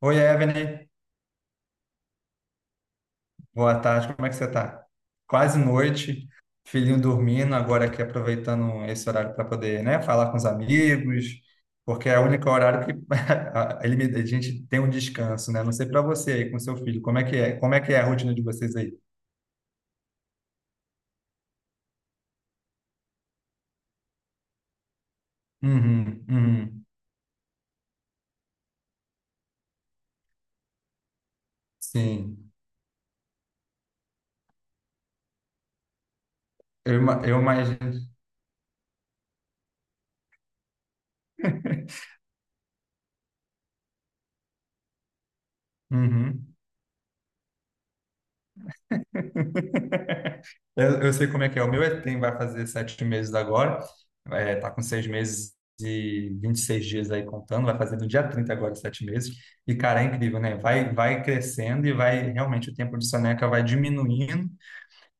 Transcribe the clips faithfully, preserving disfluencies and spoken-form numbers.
Oi, Evelyn. Boa tarde, como é que você tá? Quase noite, filhinho dormindo, agora aqui aproveitando esse horário para poder, né, falar com os amigos, porque é o único horário que a ele me- a gente tem um descanso, né? Não sei para você aí com seu filho, como é que é? Como é que é a rotina de vocês aí? Uhum, uhum, sim. Eu, ima- eu imagino. Uhum. Eu, eu sei como é que é. O meu é- tem, vai fazer sete meses agora, é, tá com seis meses e vinte e seis dias aí contando, vai fazer no dia trinta agora, sete meses. E, cara, é incrível, né? Vai, vai crescendo e vai, realmente, o tempo de soneca vai diminuindo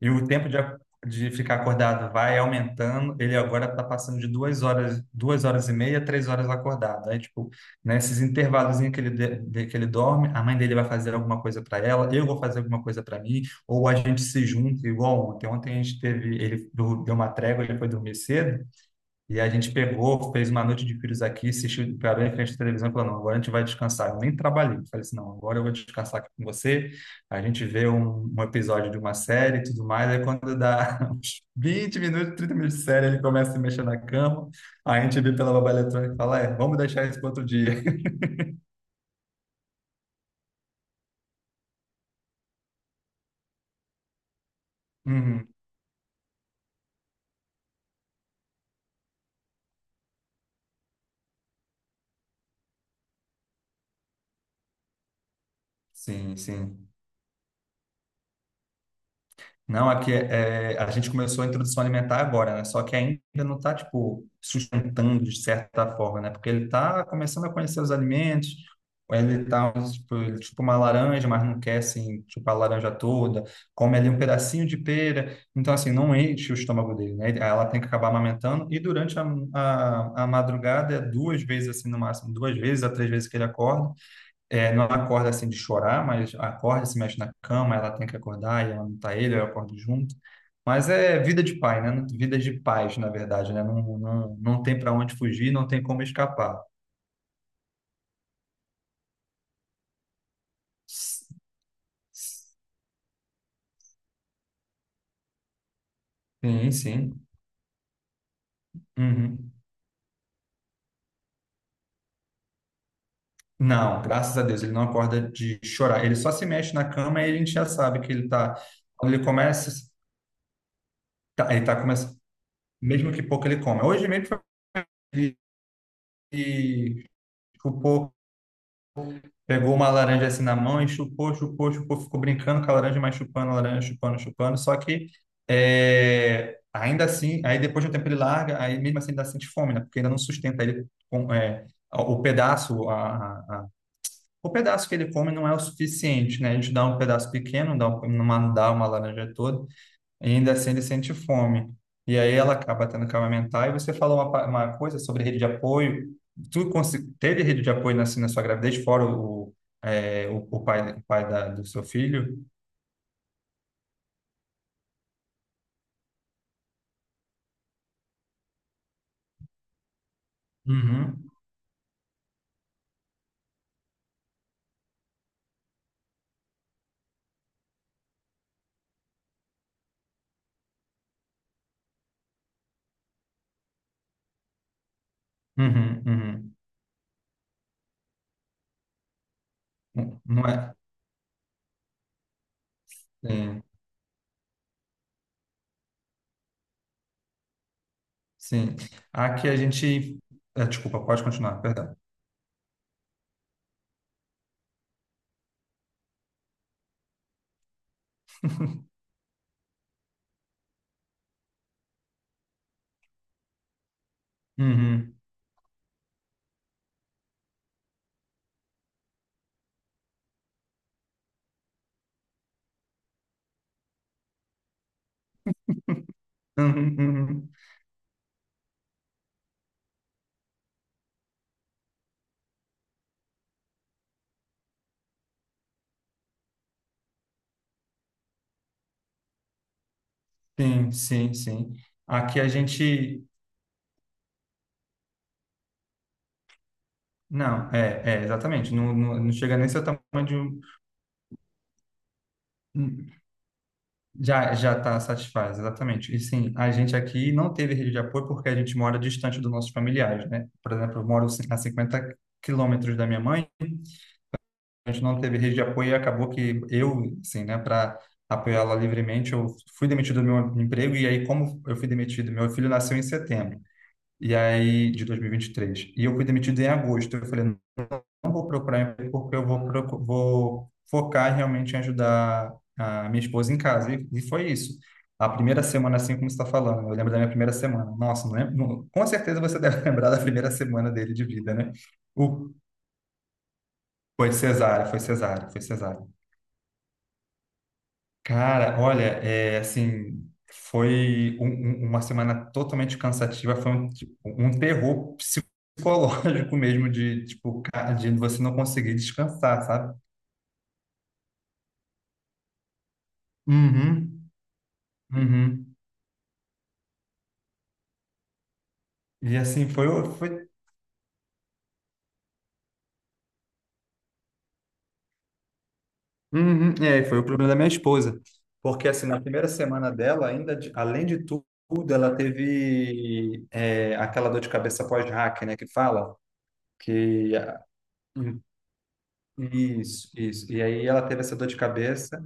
e o tempo de, ac- de ficar acordado vai aumentando. Ele agora está passando de duas horas, duas horas e meia, três horas acordado. Aí, tipo, nesses intervalos em que ele, de- de- que ele dorme, a mãe dele vai fazer alguma coisa para ela, eu vou fazer alguma coisa para mim, ou a gente se junta, igual ontem. Ontem a gente teve, ele dur- deu uma trégua, ele foi dormir cedo, e a gente pegou, fez uma noite de filhos aqui, assistiu para bem em frente à televisão e falou, não, agora a gente vai descansar. Eu nem trabalhei. Falei assim, não, agora eu vou descansar aqui com você. A gente vê um, um episódio de uma série e tudo mais. Aí quando dá uns vinte minutos, trinta minutos de série, ele começa a se mexer na cama. Aí a gente vê pela babá eletrônica e fala, é, vamos deixar isso para outro dia. Uhum. Sim, sim. Não, aqui é, que é, a gente começou a introdução alimentar agora, né? Só que ainda não está, tipo, sustentando de certa forma, né? Porque ele está começando a conhecer os alimentos, ele tá, tipo, ele chupa uma laranja, mas não quer, assim, tipo a laranja toda, come ali um pedacinho de pera, então, assim, não enche o estômago dele, né? Ela tem que acabar amamentando, e durante a, a, a madrugada é duas vezes, assim, no máximo, duas vezes a três vezes que ele acorda, é, não acorda assim de chorar, mas acorda, se mexe na cama, ela tem que acordar e ela não tá ele, eu acordo junto. Mas é vida de pai, né? Vida de paz, na verdade, né? Não, não, não tem para onde fugir, não tem como escapar. Sim, sim. Uhum. Não, graças a Deus, ele não acorda de chorar. Ele só se mexe na cama e a gente já sabe que ele tá. Quando ele começa, tá- ele tá começando, mesmo que pouco ele come. Hoje mesmo foi- ele chupou, pegou uma laranja assim na mão e chupou, chupou, chupou, ficou brincando com a laranja, mas chupando a laranja, chupando, chupando. Só que é, ainda assim, aí depois de um tempo ele larga, aí mesmo assim ele ainda sente fome, né? Porque ainda não sustenta ele com, é, o pedaço, a, a- a- o pedaço que ele come não é o suficiente, né? A gente dá um pedaço pequeno, dá, um- não dá uma laranja toda e ainda assim ele sente fome. E aí ela acaba tendo que amamentar. E você falou uma, pa- uma coisa sobre rede de apoio. Tu consi- teve rede de apoio na, assim, na sua gravidez, fora o, é, o, o pai, o pai da, do seu filho? Uhum, uhum, uhum. Não, não é? Sim, sim. Aqui a gente. Ah, desculpa, pode continuar, perdão. Uhum. Uhum, uhum. Sim, sim, sim. Aqui a gente. Não, é, é exatamente. Não, não, não chega nem a ser o tamanho de um. Já, já está satisfaz, exatamente. E sim, a gente aqui não teve rede de apoio porque a gente mora distante dos nossos familiares, né? Por exemplo, eu moro a cinquenta quilômetros da minha mãe, a gente não teve rede de apoio e acabou que eu, sim, né, para apoiá-la livremente, eu fui demitido do meu emprego e aí, como eu fui demitido, meu filho nasceu em setembro, e aí, de dois mil e e vinte e três, e eu fui demitido em agosto. Eu falei, não vou procurar emprego porque eu vou, procu- vou focar realmente em ajudar a minha esposa em casa. E, e foi isso. A primeira semana, assim como você está falando, eu lembro da minha primeira semana. Nossa, não lembro, não, com certeza você deve lembrar da primeira semana dele de vida, né? O, foi cesárea, foi cesárea, foi cesárea. Cara, olha, é, assim, foi um- um- uma semana totalmente cansativa, foi um, tipo, um terror psicológico mesmo de, tipo, ca- de você não conseguir descansar, sabe? Uhum. Uhum. E assim, foi, o- foi. Uhum. É, foi o problema da minha esposa. Porque assim, na primeira semana dela, ainda, de- além de tudo, ela teve é, aquela dor de cabeça pós-hack, né, que fala, que... Isso, isso. E aí ela teve essa dor de cabeça,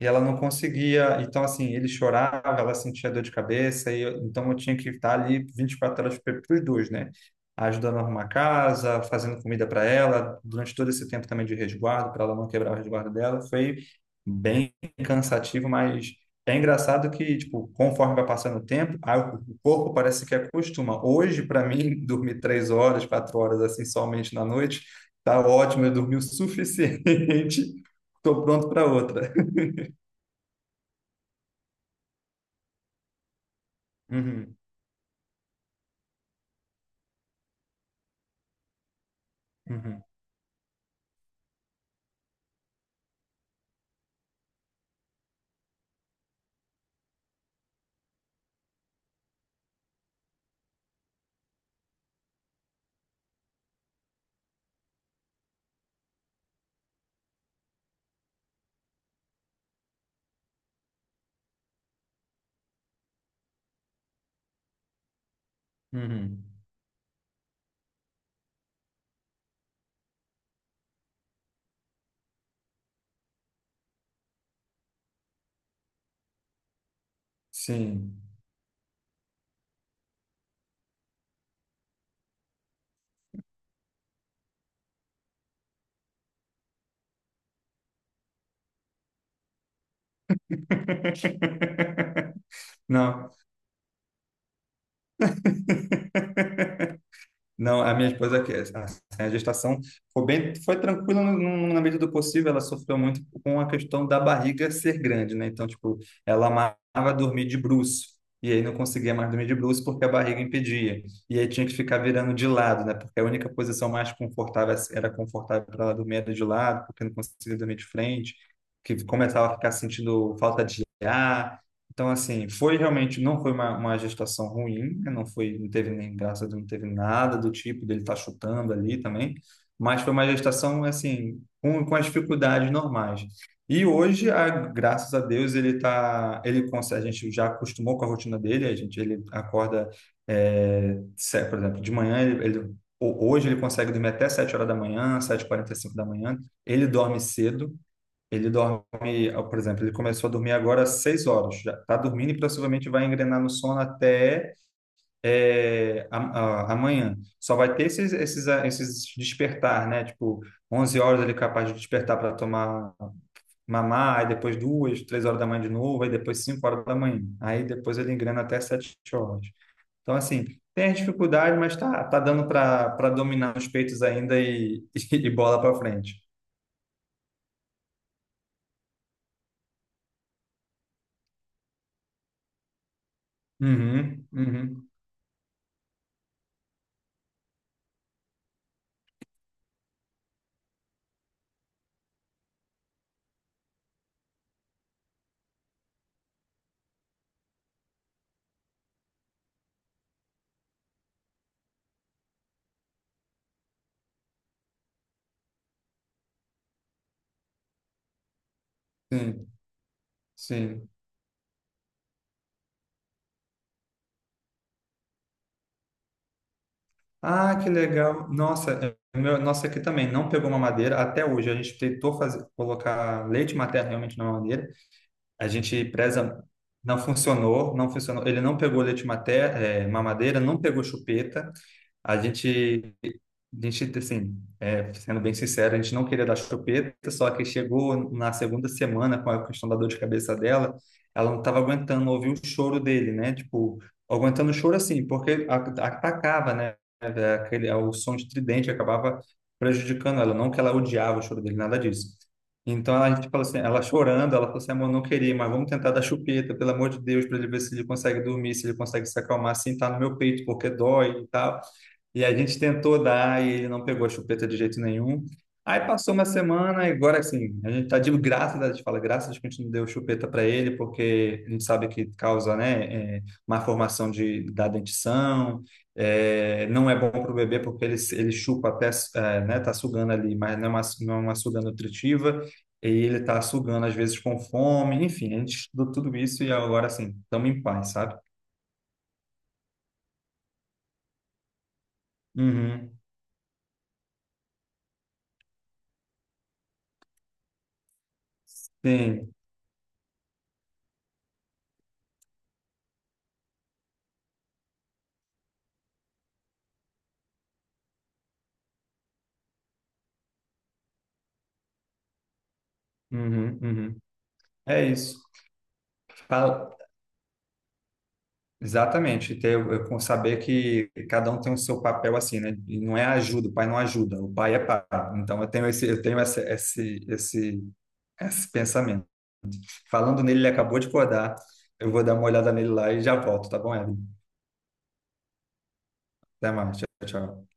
e ela não conseguia. Então, assim, ele chorava, ela sentia dor de cabeça, e eu- então eu tinha que estar ali vinte e quatro horas para os dois, né? Ajudando a arrumar a casa, fazendo comida para ela, durante todo esse tempo também de resguardo, para ela não quebrar o resguardo dela. Foi bem cansativo, mas é engraçado que, tipo, conforme vai passando o tempo, aí o o corpo parece que acostuma. Hoje, para mim, dormir três horas, quatro horas assim somente na noite, tá ótimo, eu dormi o suficiente, estou pronto para outra. Uhum. Uhum, uhum. Sim. Não, não, a minha esposa, que- assim, a gestação foi bem, foi tranquila no- no- na medida do possível, ela sofreu muito com a questão da barriga ser grande, né? Então, tipo, ela amava dormir de bruço, e aí não conseguia mais dormir de bruço porque a barriga impedia, e aí tinha que ficar virando de lado, né? Porque a única posição mais confortável era confortável para ela dormir era de lado, porque não conseguia dormir de frente, que começava a ficar sentindo falta de ar. Então, assim, foi realmente, não foi uma, uma gestação ruim, né? Não foi, não teve nem, graças não teve nada do tipo dele estar chutando ali também, mas foi uma gestação, assim, com, com as dificuldades normais. E hoje, a, graças a Deus, ele tá, ele consegue, a gente já acostumou com a rotina dele, a gente, ele acorda, é, se- por exemplo, de manhã, ele, ele- ho- hoje ele consegue dormir até sete horas da manhã, sete e quarenta e cinco da manhã, ele dorme cedo, ele dorme, ó, por exemplo, ele começou a dormir agora às seis horas. Já está dormindo e possivelmente vai engrenar no sono até é, a- a- amanhã. Só vai ter esses, esses, ah, esses despertar, né? Tipo, onze horas ele é capaz de despertar para tomar mamar, aí depois duas, três horas da manhã de novo, aí depois cinco horas da manhã. Aí depois ele engrena até sete horas. Então, assim, tem a dificuldade, mas tá, tá dando para para dominar os peitos ainda e, e, bola para frente. Uhum, uhum, sim, sim. Ah, que legal. Nossa, é- é meu, nossa aqui também não pegou uma madeira até hoje. A gente tentou fazer, colocar leite materno realmente na madeira. A gente preza, não funcionou, não funcionou. Ele não pegou leite materno, é, mamadeira, não pegou chupeta. A gente, a gente assim, é, sendo bem sincero, a gente não queria dar chupeta, só que chegou na segunda semana com a questão da dor de cabeça dela, ela não estava aguentando ouvir o choro dele, né? Tipo, aguentando o choro assim, porque a- atacava, né? Aquele, o som de tridente acabava prejudicando ela, não que ela odiava o choro dele, nada disso. Então a gente falou assim, ela chorando, ela falou assim, amor, não queria, mas vamos tentar dar chupeta, pelo amor de Deus, para ele ver se ele consegue dormir, se ele consegue se acalmar, assim, tá no meu peito, porque dói e tal. E a gente tentou dar e ele não pegou a chupeta de jeito nenhum. Aí passou uma semana e agora assim, a gente tá de graça, a gente fala graças a Deus que a gente não deu chupeta para ele, porque a gente sabe que causa, né, é, má formação de, da dentição, é, não é bom para o bebê porque ele, ele chupa até, é, né, tá sugando ali, mas não é uma, não é uma suga nutritiva, e ele tá sugando às vezes com fome, enfim, a gente estudou tudo isso e agora assim, estamos em paz, sabe? Uhum, sim, uhum, uhum. É isso. Pra- Exatamente, ter, eu, com saber que cada um tem o seu papel assim, né? E não é ajuda, o pai não ajuda, o pai é pai. Então eu tenho esse, eu tenho esse, esse, esse, esse pensamento. Falando nele, ele acabou de acordar. Eu vou dar uma olhada nele lá e já volto, tá bom, Edson? Até mais, tchau, tchau.